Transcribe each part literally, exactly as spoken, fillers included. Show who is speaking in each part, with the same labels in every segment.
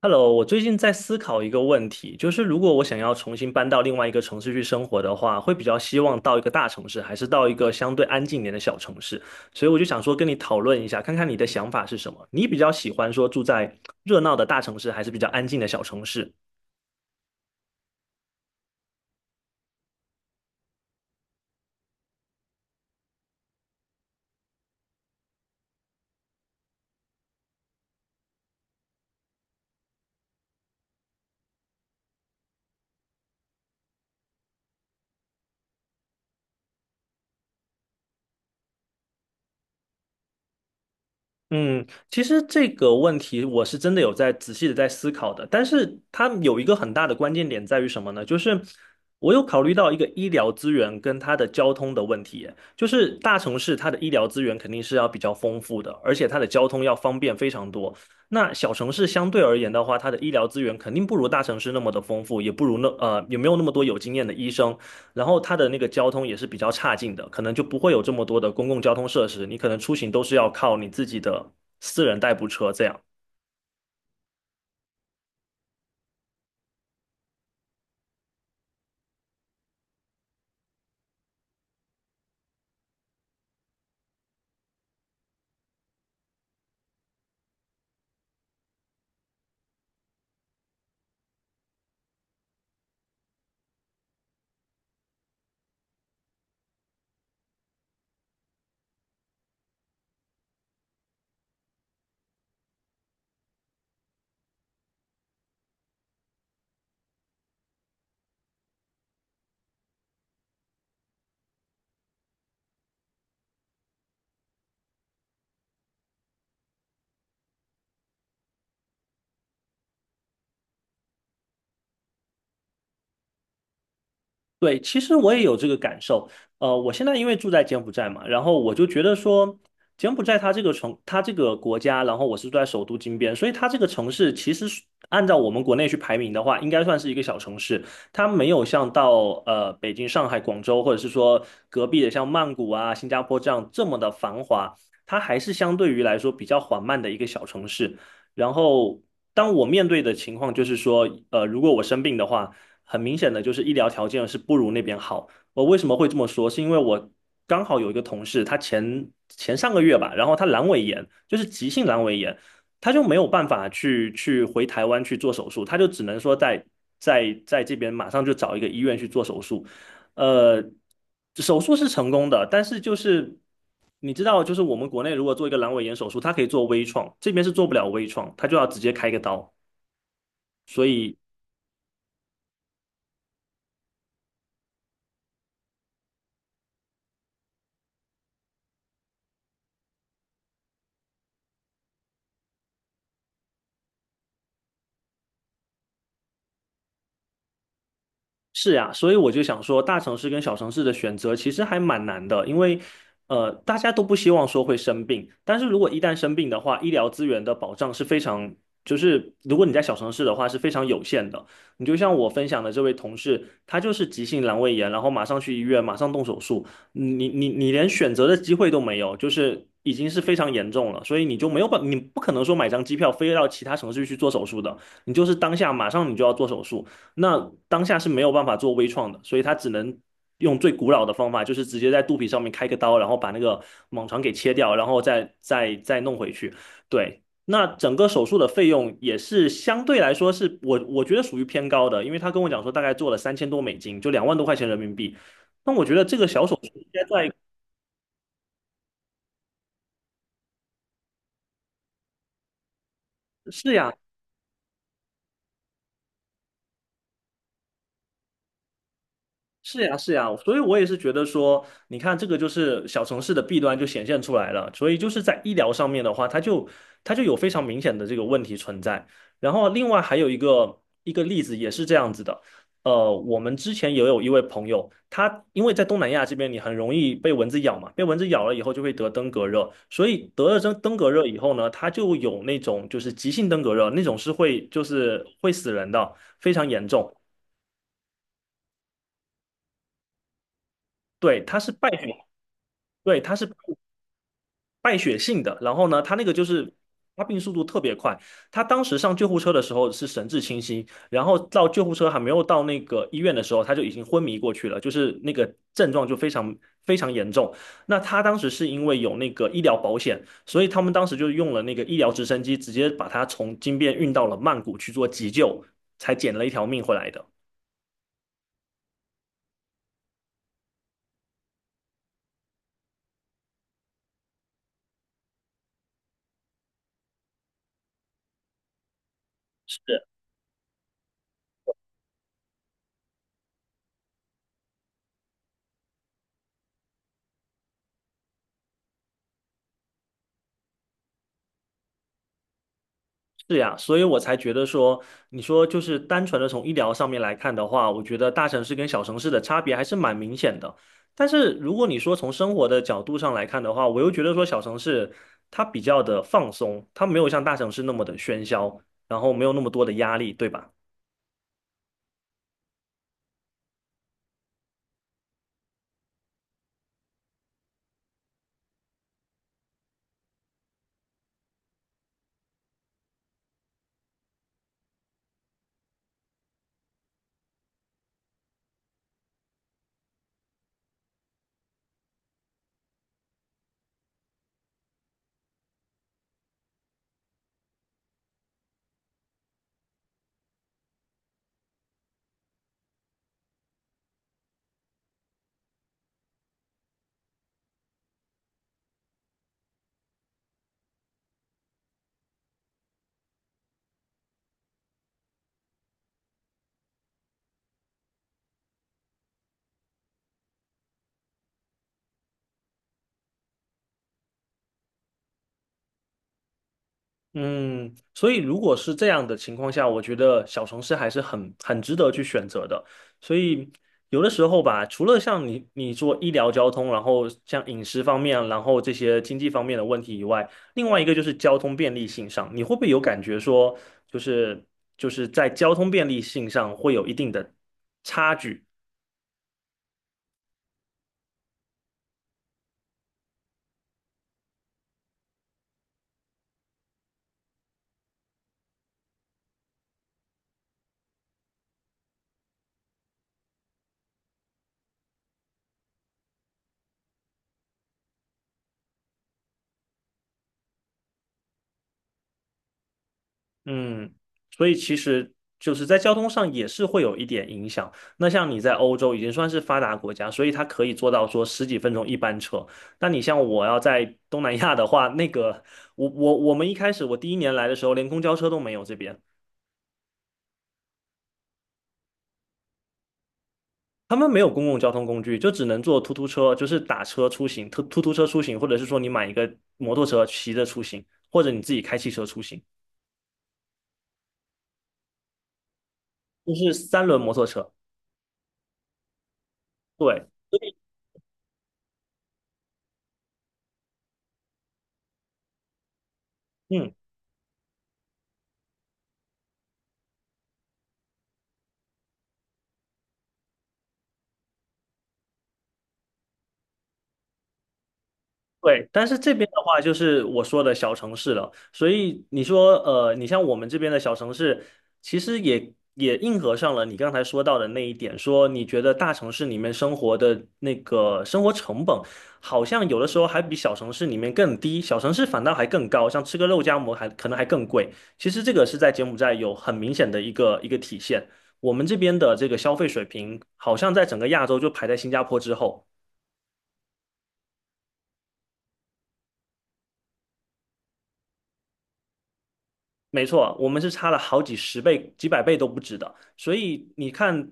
Speaker 1: Hello，我最近在思考一个问题，就是如果我想要重新搬到另外一个城市去生活的话，会比较希望到一个大城市，还是到一个相对安静一点的小城市？所以我就想说跟你讨论一下，看看你的想法是什么。你比较喜欢说住在热闹的大城市，还是比较安静的小城市？嗯，其实这个问题我是真的有在仔细的在思考的，但是它有一个很大的关键点在于什么呢？就是我有考虑到一个医疗资源跟它的交通的问题，就是大城市它的医疗资源肯定是要比较丰富的，而且它的交通要方便非常多。那小城市相对而言的话，它的医疗资源肯定不如大城市那么的丰富，也不如那呃也没有那么多有经验的医生。然后它的那个交通也是比较差劲的，可能就不会有这么多的公共交通设施，你可能出行都是要靠你自己的私人代步车这样。对，其实我也有这个感受。呃，我现在因为住在柬埔寨嘛，然后我就觉得说，柬埔寨它这个城，它这个国家，然后我是住在首都金边，所以它这个城市其实是按照我们国内去排名的话，应该算是一个小城市。它没有像到呃北京、上海、广州，或者是说隔壁的像曼谷啊、新加坡这样这么的繁华，它还是相对于来说比较缓慢的一个小城市。然后，当我面对的情况就是说，呃，如果我生病的话。很明显的就是医疗条件是不如那边好。我为什么会这么说？是因为我刚好有一个同事，他前前上个月吧，然后他阑尾炎，就是急性阑尾炎，他就没有办法去去回台湾去做手术，他就只能说在在在这边马上就找一个医院去做手术。呃，手术是成功的，但是就是你知道，就是我们国内如果做一个阑尾炎手术，它可以做微创，这边是做不了微创，他就要直接开个刀。所以是呀，所以我就想说，大城市跟小城市的选择其实还蛮难的，因为呃，大家都不希望说会生病，但是如果一旦生病的话，医疗资源的保障是非常，就是如果你在小城市的话是非常有限的。你就像我分享的这位同事，他就是急性阑尾炎，然后马上去医院，马上动手术，你你你连选择的机会都没有，就是已经是非常严重了，所以你就没有办，你不可能说买张机票飞到其他城市去做手术的，你就是当下马上你就要做手术。那当下是没有办法做微创的，所以他只能用最古老的方法，就是直接在肚皮上面开个刀，然后把那个蟒床给切掉，然后再再再弄回去。对，那整个手术的费用也是相对来说是我我觉得属于偏高的，因为他跟我讲说大概做了三千多美金，就两万多块钱人民币。那我觉得这个小手术应该在是呀，是呀，是呀，所以我也是觉得说，你看这个就是小城市的弊端就显现出来了，所以就是在医疗上面的话，它就它就有非常明显的这个问题存在。然后另外还有一个一个例子也是这样子的，呃，我们之前也有一位朋友，他因为在东南亚这边你很容易被蚊子咬嘛，被蚊子咬了以后就会得登革热，所以得了登登革热以后呢，他就有那种就是急性登革热，那种是会就是会死人的，非常严重。对，它是败血，对，它是。败血性的，然后呢，他那个就是发病速度特别快。他当时上救护车的时候是神志清晰，然后到救护车还没有到那个医院的时候，他就已经昏迷过去了，就是那个症状就非常非常严重。那他当时是因为有那个医疗保险，所以他们当时就用了那个医疗直升机，直接把他从金边运到了曼谷去做急救，才捡了一条命回来的。是呀，所以我才觉得说，你说就是单纯的从医疗上面来看的话，我觉得大城市跟小城市的差别还是蛮明显的。但是如果你说从生活的角度上来看的话，我又觉得说小城市它比较的放松，它没有像大城市那么的喧嚣，然后没有那么多的压力，对吧？嗯，所以如果是这样的情况下，我觉得小城市还是很很值得去选择的。所以有的时候吧，除了像你你做医疗交通，然后像饮食方面，然后这些经济方面的问题以外，另外一个就是交通便利性上，你会不会有感觉说，就是就是在交通便利性上会有一定的差距？嗯，所以其实就是在交通上也是会有一点影响。那像你在欧洲已经算是发达国家，所以它可以做到说十几分钟一班车。那你像我要在东南亚的话，那个我我我们一开始我第一年来的时候，连公交车都没有这边。他们没有公共交通工具，就只能坐突突车，就是打车出行，突突突车出行，或者是说你买一个摩托车骑着出行，或者你自己开汽车出行，就是三轮摩托车。对，嗯。对，但是这边的话就是我说的小城市了，所以你说，呃，你像我们这边的小城市，其实也也应和上了你刚才说到的那一点，说你觉得大城市里面生活的那个生活成本，好像有的时候还比小城市里面更低，小城市反倒还更高，像吃个肉夹馍还可能还更贵。其实这个是在柬埔寨有很明显的一个一个体现，我们这边的这个消费水平，好像在整个亚洲就排在新加坡之后。没错，我们是差了好几十倍、几百倍都不止的。所以你看，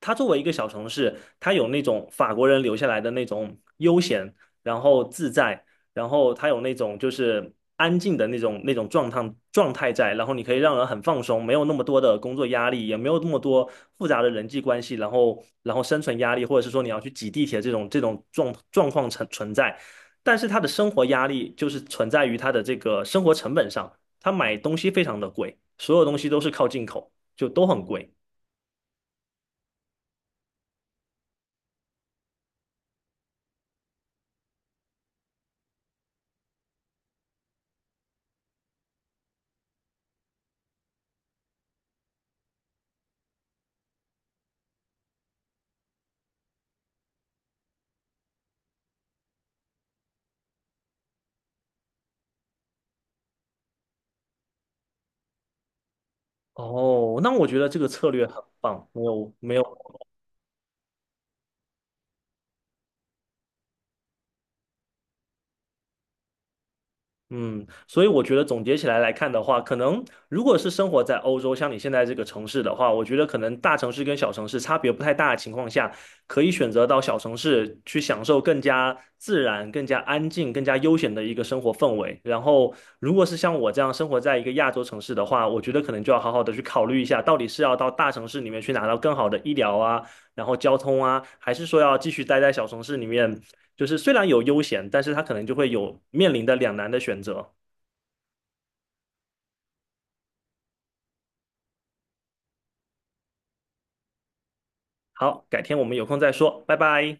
Speaker 1: 它作为一个小城市，它有那种法国人留下来的那种悠闲，然后自在，然后它有那种就是安静的那种那种状态状态在，然后你可以让人很放松，没有那么多的工作压力，也没有那么多复杂的人际关系，然后然后生存压力，或者是说你要去挤地铁这种这种状状况存存在。但是他的生活压力就是存在于他的这个生活成本上。他买东西非常的贵，所有东西都是靠进口，就都很贵。哦，那我觉得这个策略很棒，没有没有嗯，所以我觉得总结起来来看的话，可能如果是生活在欧洲，像你现在这个城市的话，我觉得可能大城市跟小城市差别不太大的情况下，可以选择到小城市去享受更加自然、更加安静、更加悠闲的一个生活氛围。然后，如果是像我这样生活在一个亚洲城市的话，我觉得可能就要好好的去考虑一下，到底是要到大城市里面去拿到更好的医疗啊，然后交通啊，还是说要继续待在小城市里面？就是虽然有悠闲，但是他可能就会有面临的两难的选择。好，改天我们有空再说，拜拜。